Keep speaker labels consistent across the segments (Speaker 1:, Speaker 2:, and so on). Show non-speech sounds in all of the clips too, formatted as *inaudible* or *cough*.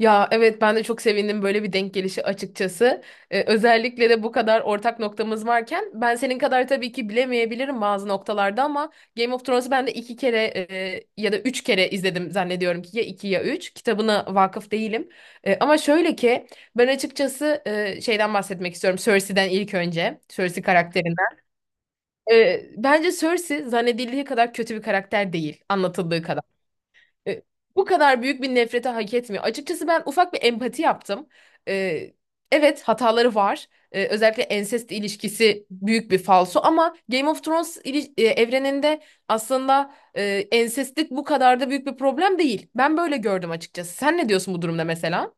Speaker 1: Ya evet ben de çok sevindim böyle bir denk gelişi açıkçası. Özellikle de bu kadar ortak noktamız varken ben senin kadar tabii ki bilemeyebilirim bazı noktalarda ama Game of Thrones'u ben de iki kere ya da üç kere izledim zannediyorum ki ya iki ya üç. Kitabına vakıf değilim. Ama şöyle ki ben açıkçası şeyden bahsetmek istiyorum Cersei'den ilk önce. Cersei karakterinden. Bence Cersei zannedildiği kadar kötü bir karakter değil anlatıldığı kadar. E, Bu kadar büyük bir nefrete hak etmiyor. Açıkçası ben ufak bir empati yaptım. E, evet hataları var. Özellikle ensest ilişkisi büyük bir falso ama Game of Thrones evreninde aslında ensestlik bu kadar da büyük bir problem değil. Ben böyle gördüm açıkçası. Sen ne diyorsun bu durumda mesela?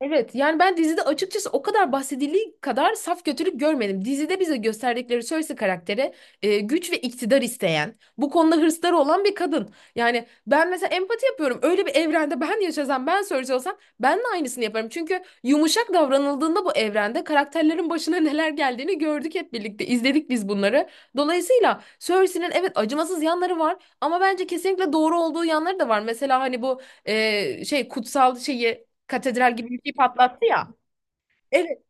Speaker 1: Evet yani ben dizide açıkçası o kadar bahsedildiği kadar saf kötülük görmedim. Dizide bize gösterdikleri Cersei karakteri güç ve iktidar isteyen, bu konuda hırsları olan bir kadın. Yani ben mesela empati yapıyorum. Öyle bir evrende ben yaşasam, ben Cersei olsam ben de aynısını yaparım. Çünkü yumuşak davranıldığında bu evrende karakterlerin başına *laughs* neler geldiğini gördük hep birlikte. İzledik biz bunları. Dolayısıyla Cersei'nin evet acımasız yanları var ama bence kesinlikle doğru olduğu yanları da var. Mesela hani bu şey kutsal şeyi katedral gibi bir şey patlattı ya. Evet,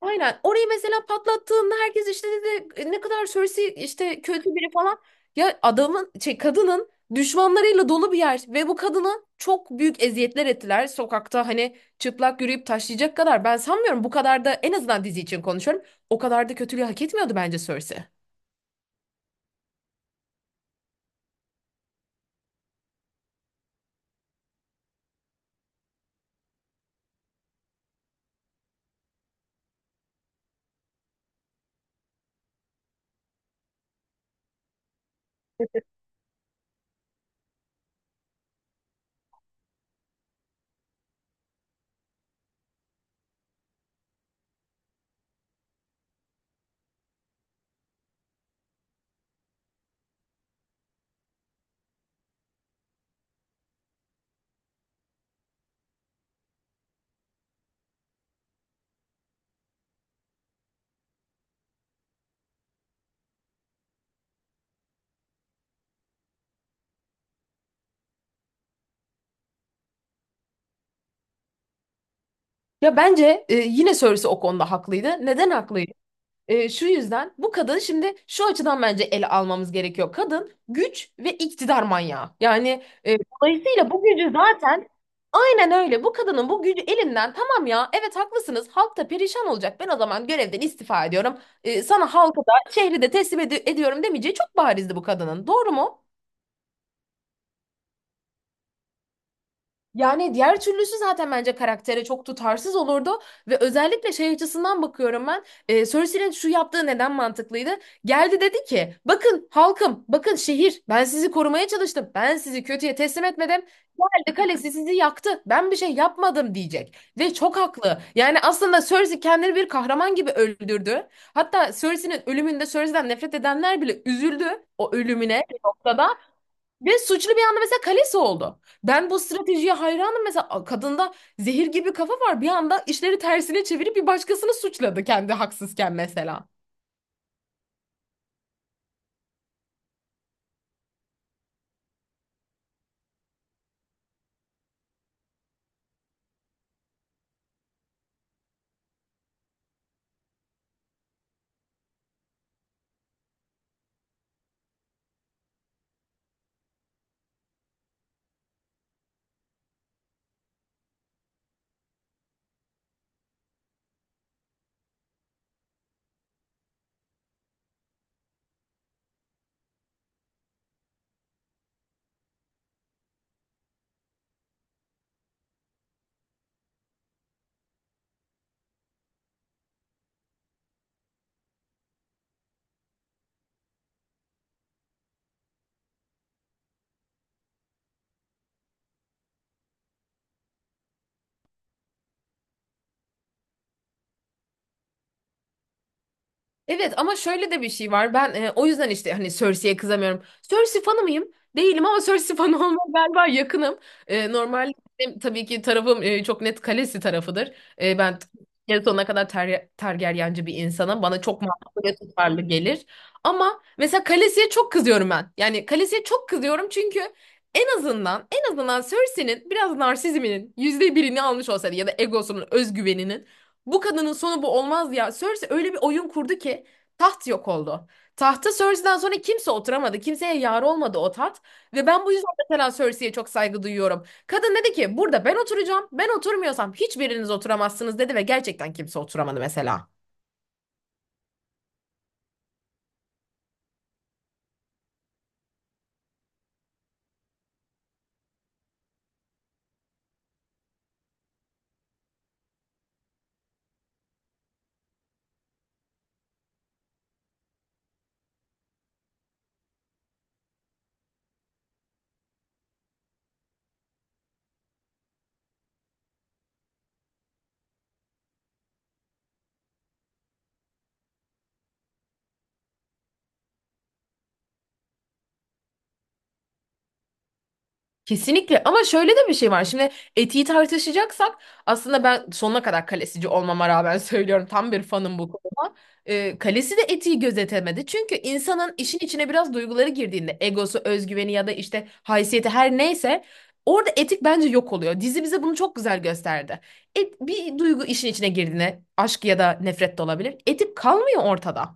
Speaker 1: aynen. Orayı mesela patlattığında herkes işte dedi "E, ne kadar Cersei işte kötü biri falan. Ya adamın şey kadının düşmanlarıyla dolu bir yer ve bu kadına çok büyük eziyetler ettiler. Sokakta hani çıplak yürüyüp taşlayacak kadar ben sanmıyorum bu kadar da, en azından dizi için konuşuyorum. O kadar da kötülüğü hak etmiyordu bence Cersei. Ya bence yine Cersei o konuda haklıydı. Neden haklıydı? Şu yüzden, bu kadın şimdi şu açıdan bence ele almamız gerekiyor. Kadın güç ve iktidar manyağı. Yani dolayısıyla bu gücü zaten aynen öyle. Bu kadının bu gücü elinden, tamam ya evet haklısınız halk da perişan olacak. Ben o zaman görevden istifa ediyorum. Sana halkı da şehri de ediyorum demeyeceği çok barizdi bu kadının. Doğru mu? Yani diğer türlüsü zaten bence karaktere çok tutarsız olurdu ve özellikle şey açısından bakıyorum ben. Cersei'nin şu yaptığı neden mantıklıydı? Geldi dedi ki, bakın halkım bakın şehir, ben sizi korumaya çalıştım, ben sizi kötüye teslim etmedim. Geldi kalesi sizi yaktı, ben bir şey yapmadım diyecek ve çok haklı. Yani aslında Cersei kendini bir kahraman gibi öldürdü. Hatta Cersei'nin ölümünde Cersei'den nefret edenler bile üzüldü o ölümüne bir noktada. Ve suçlu bir anda mesela kalesi oldu. Ben bu stratejiye hayranım. Mesela kadında zehir gibi kafa var. Bir anda işleri tersine çevirip bir başkasını suçladı kendi haksızken mesela. Evet ama şöyle de bir şey var. Ben o yüzden işte hani Cersei'ye kızamıyorum. Cersei fanı mıyım? Değilim ama *laughs* Cersei fanı olmaya galiba yakınım. Normal benim tabii ki tarafım, çok net Kalesi tarafıdır. Ben en sonuna kadar Targaryenci bir insanım. Bana çok mantıklı ve tutarlı gelir. Ama mesela Kalesi'ye çok kızıyorum ben. Yani Kalesi'ye çok kızıyorum çünkü en azından Cersei'nin biraz narsizminin yüzde birini almış olsaydı ya da egosunun, özgüveninin, bu kadının sonu bu olmaz ya. Cersei öyle bir oyun kurdu ki taht yok oldu. Tahta Cersei'den sonra kimse oturamadı. Kimseye yar olmadı o taht. Ve ben bu yüzden mesela Cersei'ye çok saygı duyuyorum. Kadın dedi ki burada ben oturacağım. Ben oturmuyorsam hiçbiriniz oturamazsınız dedi ve gerçekten kimse oturamadı mesela. Kesinlikle ama şöyle de bir şey var. Şimdi etiği tartışacaksak, aslında ben sonuna kadar kalesici olmama rağmen *laughs* söylüyorum tam bir fanım bu konuda. Kalesi de etiği gözetemedi. Çünkü insanın işin içine biraz duyguları girdiğinde egosu, özgüveni ya da işte haysiyeti her neyse orada etik bence yok oluyor. Dizi bize bunu çok güzel gösterdi. Bir duygu işin içine girdiğinde aşk ya da nefret de olabilir. Etik kalmıyor ortada.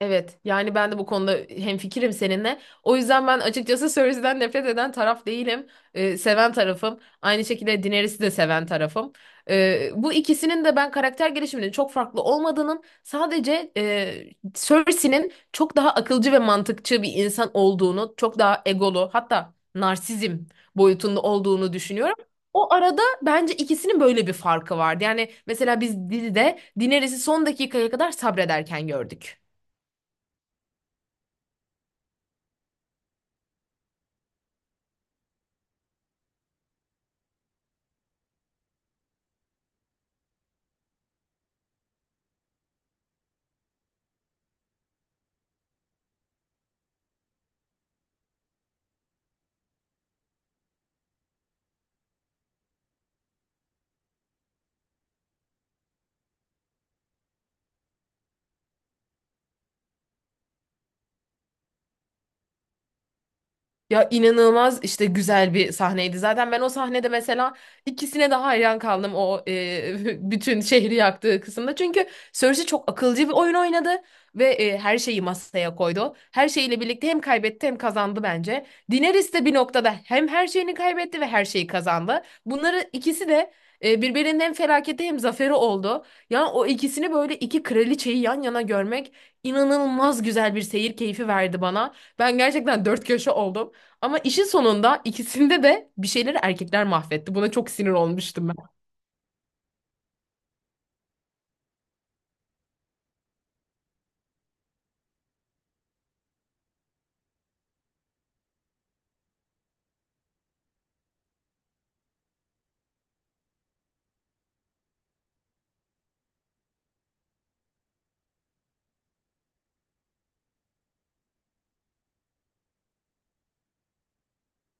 Speaker 1: Evet, yani ben de bu konuda hemfikirim seninle. O yüzden ben açıkçası Cersei'den nefret eden taraf değilim. Seven tarafım. Aynı şekilde Daenerys'i de seven tarafım. Bu ikisinin de ben karakter gelişiminin çok farklı olmadığının, sadece Cersei'nin çok daha akılcı ve mantıkçı bir insan olduğunu, çok daha egolu, hatta narsizm boyutunda olduğunu düşünüyorum. O arada bence ikisinin böyle bir farkı vardı. Yani mesela biz dizide Daenerys'i son dakikaya kadar sabrederken gördük. Ya inanılmaz işte güzel bir sahneydi. Zaten ben o sahnede mesela ikisine de hayran kaldım o *laughs* bütün şehri yaktığı kısımda. Çünkü Cersei çok akılcı bir oyun oynadı ve her şeyi masaya koydu. Her şeyiyle birlikte hem kaybetti hem kazandı bence. Daenerys de bir noktada hem her şeyini kaybetti ve her şeyi kazandı. Bunları ikisi de birbirinin hem felaketi hem zaferi oldu. Yani o ikisini böyle iki kraliçeyi yan yana görmek inanılmaz güzel bir seyir keyfi verdi bana. Ben gerçekten dört köşe oldum. Ama işin sonunda ikisinde de bir şeyleri erkekler mahvetti. Buna çok sinir olmuştum ben.